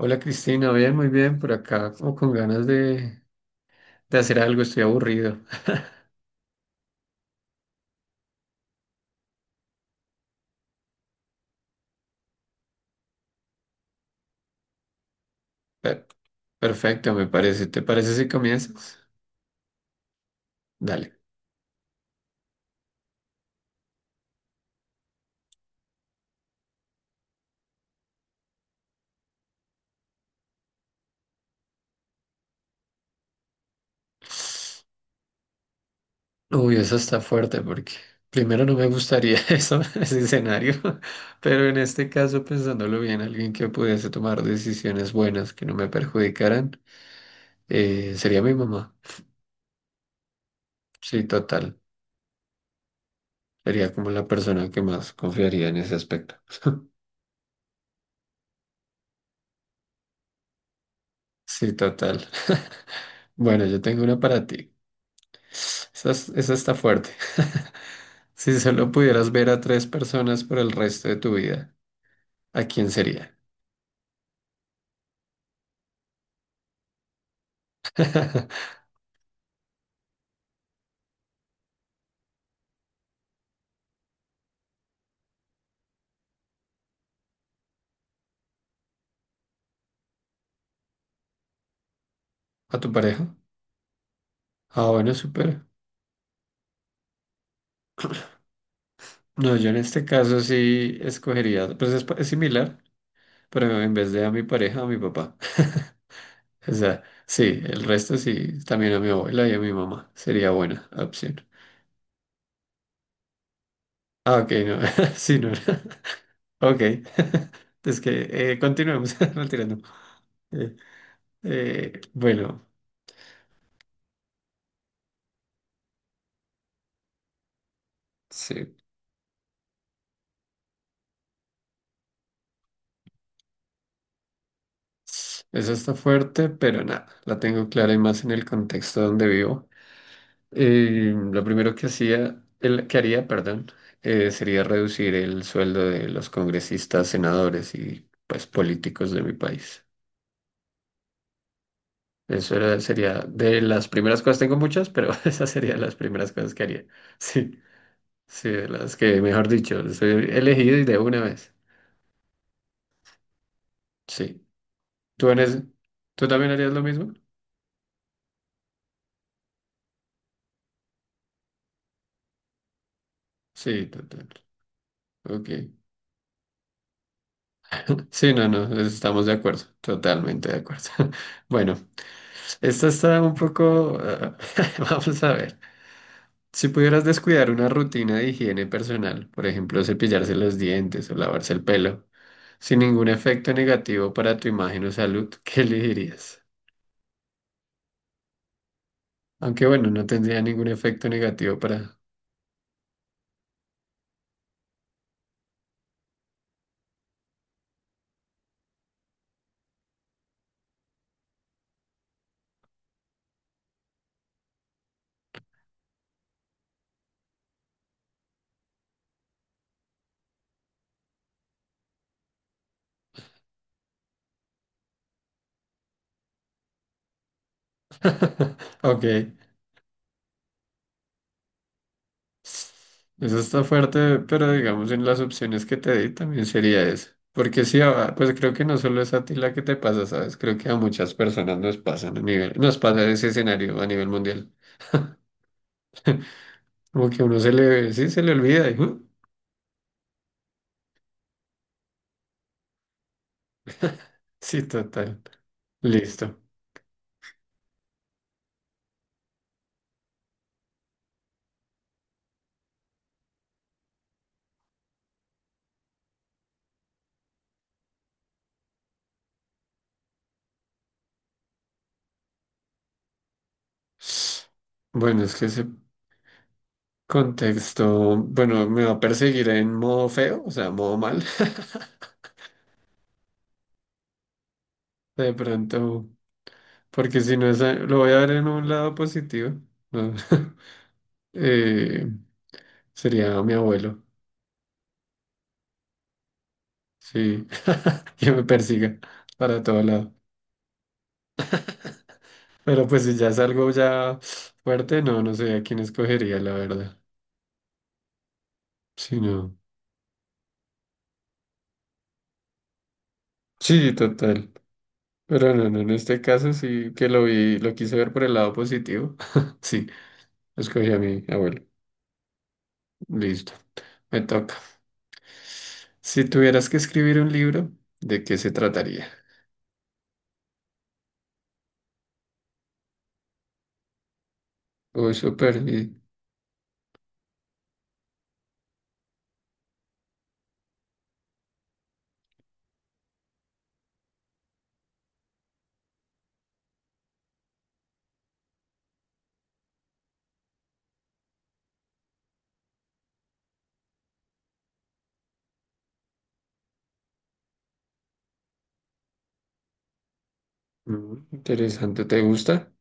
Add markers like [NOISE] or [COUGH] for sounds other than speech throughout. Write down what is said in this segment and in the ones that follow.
Hola Cristina, bien, muy bien, por acá, como con ganas de hacer algo, estoy aburrido. Per- perfecto, me parece. ¿Te parece si comienzas? Dale. Uy, eso está fuerte porque primero no me gustaría [LAUGHS] eso, ese escenario, [LAUGHS] pero en este caso, pensándolo bien, alguien que pudiese tomar decisiones buenas que no me perjudicaran, sería mi mamá. Sí, total. Sería como la persona que más confiaría en ese aspecto. Sí, total. [LAUGHS] Bueno, yo tengo una para ti. Esa, esa está fuerte. [LAUGHS] Si solo pudieras ver a tres personas por el resto de tu vida, ¿a quién sería? [LAUGHS] ¿A tu pareja? Ah, bueno, súper. No, yo en este caso sí escogería, pues es, es similar, pero en vez de a mi pareja, a mi papá. [LAUGHS] O sea, sí, el resto sí, también a mi abuela y a mi mamá. Sería buena opción. Ah, ok, no, [LAUGHS] sí, no. [LAUGHS] Ok, [LAUGHS] es que continuemos, [LAUGHS] retirando. Eh, bueno, sí. Eso está fuerte, pero nada, la tengo clara y más en el contexto donde vivo. Lo primero que hacía, que haría, perdón, sería reducir el sueldo de los congresistas, senadores y pues políticos de mi país. Sería de las primeras cosas, tengo muchas, pero [LAUGHS] esas serían las primeras cosas que haría. Sí, sí, de las que, mejor dicho, soy elegido y de una vez. Sí. ¿Tú, en ese- ¿Tú también harías lo mismo? Sí, total. Ok. Sí, no, no, estamos de acuerdo, totalmente de acuerdo. [LAUGHS] Bueno, esta está un poco, [LAUGHS] vamos a ver. Si pudieras descuidar una rutina de higiene personal, por ejemplo, cepillarse los dientes o lavarse el pelo, sin ningún efecto negativo para tu imagen o salud, [LAUGHS] ¿qué elegirías? Aunque bueno, no tendría ningún efecto negativo para... [LAUGHS] Ok. Eso está fuerte, pero digamos en las opciones que te di también sería eso. Porque sí, pues creo que no solo es a ti la que te pasa, ¿sabes? Creo que a muchas personas nos pasan a nivel, nos pasa ese escenario a nivel mundial. [LAUGHS] Como que uno se le, sí, se le olvida. Y, "uh". Sí, total. Listo. Bueno, es que ese contexto, bueno, me va a perseguir en modo feo, o sea, modo mal. [LAUGHS] De pronto, porque si no es, lo voy a ver en un lado positivo. ¿No? [LAUGHS] Eh, sería mi abuelo, sí, [LAUGHS] que me persiga para todo lado. [LAUGHS] Pero pues si ya es algo ya fuerte, no, no sé a quién escogería, la verdad. Sí, no. Sí, total. Pero no, no, en este caso sí que lo vi, lo quise ver por el lado positivo. [LAUGHS] Sí, escogí a mi abuelo. Listo, me toca. Si tuvieras que escribir un libro, ¿de qué se trataría? Uy, súper y- mm, interesante. ¿Te gusta?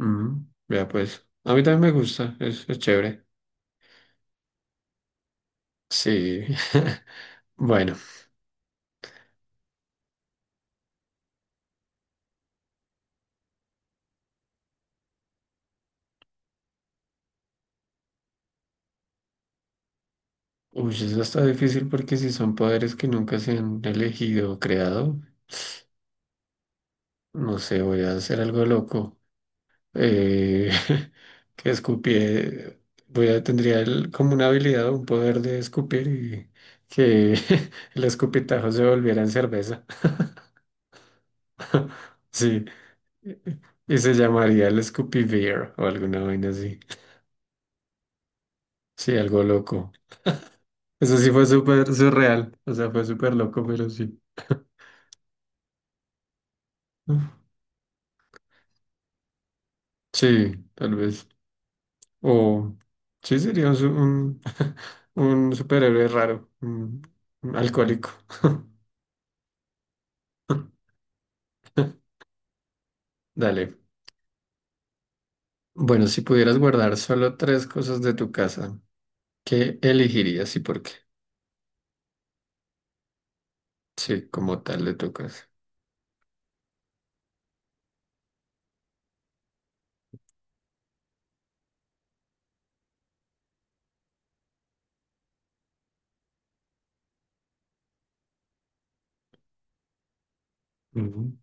Mm, vea pues, a mí también me gusta, es chévere. Sí. [LAUGHS] Bueno, uy, eso está difícil porque si son poderes que nunca se han elegido o creado, no sé, voy a hacer algo loco. Eh, [LAUGHS] que escupie, tendría como una habilidad o un poder de escupir y que [LAUGHS] el escupitajo se volviera en cerveza. [LAUGHS] Sí. Y se llamaría el Scoopy Beer o alguna vaina así. Sí, algo loco. Eso sí fue súper surreal, o sea, fue súper loco, pero sí. [LAUGHS] Sí, tal vez. O sí sería [LAUGHS] un superhéroe raro, un alcohólico. [LAUGHS] Dale. Bueno, si pudieras guardar solo tres cosas de tu casa, ¿qué elegirías y por qué? Sí, como tal de tu casa. Ujú.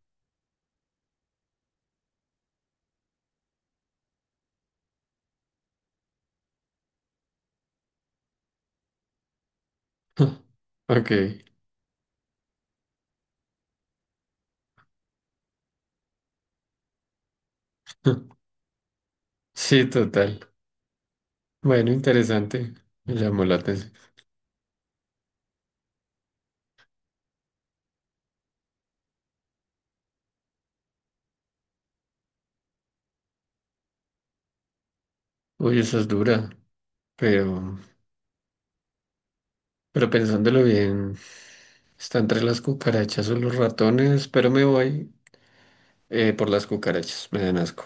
[LAUGHS] Ok. [LAUGHS] Sí, total. Bueno, interesante. Me llamó la atención. Uy, esa es dura, pero... Pero pensándolo bien, está entre las cucarachas o los ratones, pero me voy por las cucarachas, me dan asco.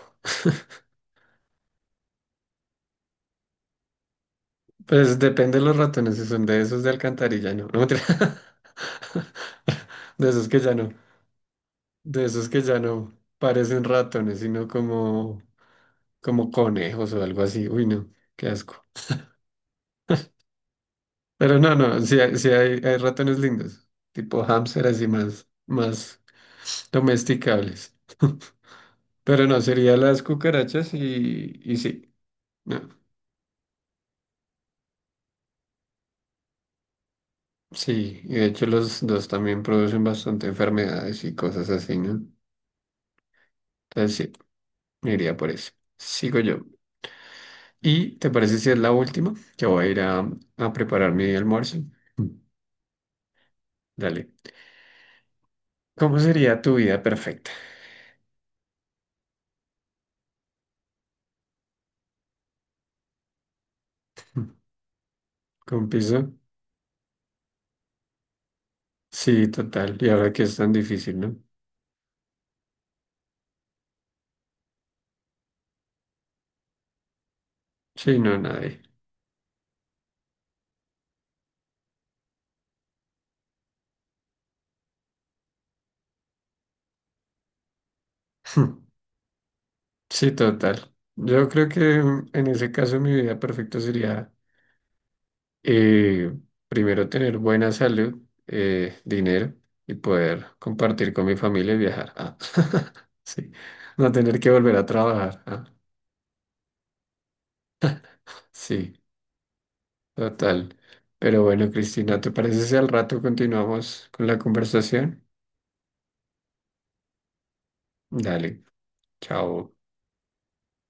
Pues depende de los ratones, si son de esos de alcantarilla, no, no mentira. [LAUGHS] De esos que ya no, de esos que ya no parecen ratones, sino como, como conejos o algo así. Uy, no, qué asco. Pero no, no, sí hay ratones lindos, tipo hámster, así más, más domesticables. Pero no, sería las cucarachas y sí. No, sí, y de hecho los dos también producen bastante enfermedades y cosas así, ¿no? Entonces sí, me iría por eso. Sigo yo. ¿Y te parece si es la última? Que voy a ir a preparar mi almuerzo. Mm. Dale. ¿Cómo sería tu vida perfecta? Mm. ¿Con piso? Sí, total. Y ahora que es tan difícil, ¿no? Sí, no, nadie. [LAUGHS] Mm. Sí, total. Yo creo que mm, en ese caso mi vida perfecta sería eh, primero tener buena salud, dinero y poder compartir con mi familia y viajar. Ah, [LAUGHS] sí, no tener que volver a trabajar. Ah, sí, total. Pero bueno, Cristina, ¿te parece si al rato continuamos con la conversación? Dale, chao.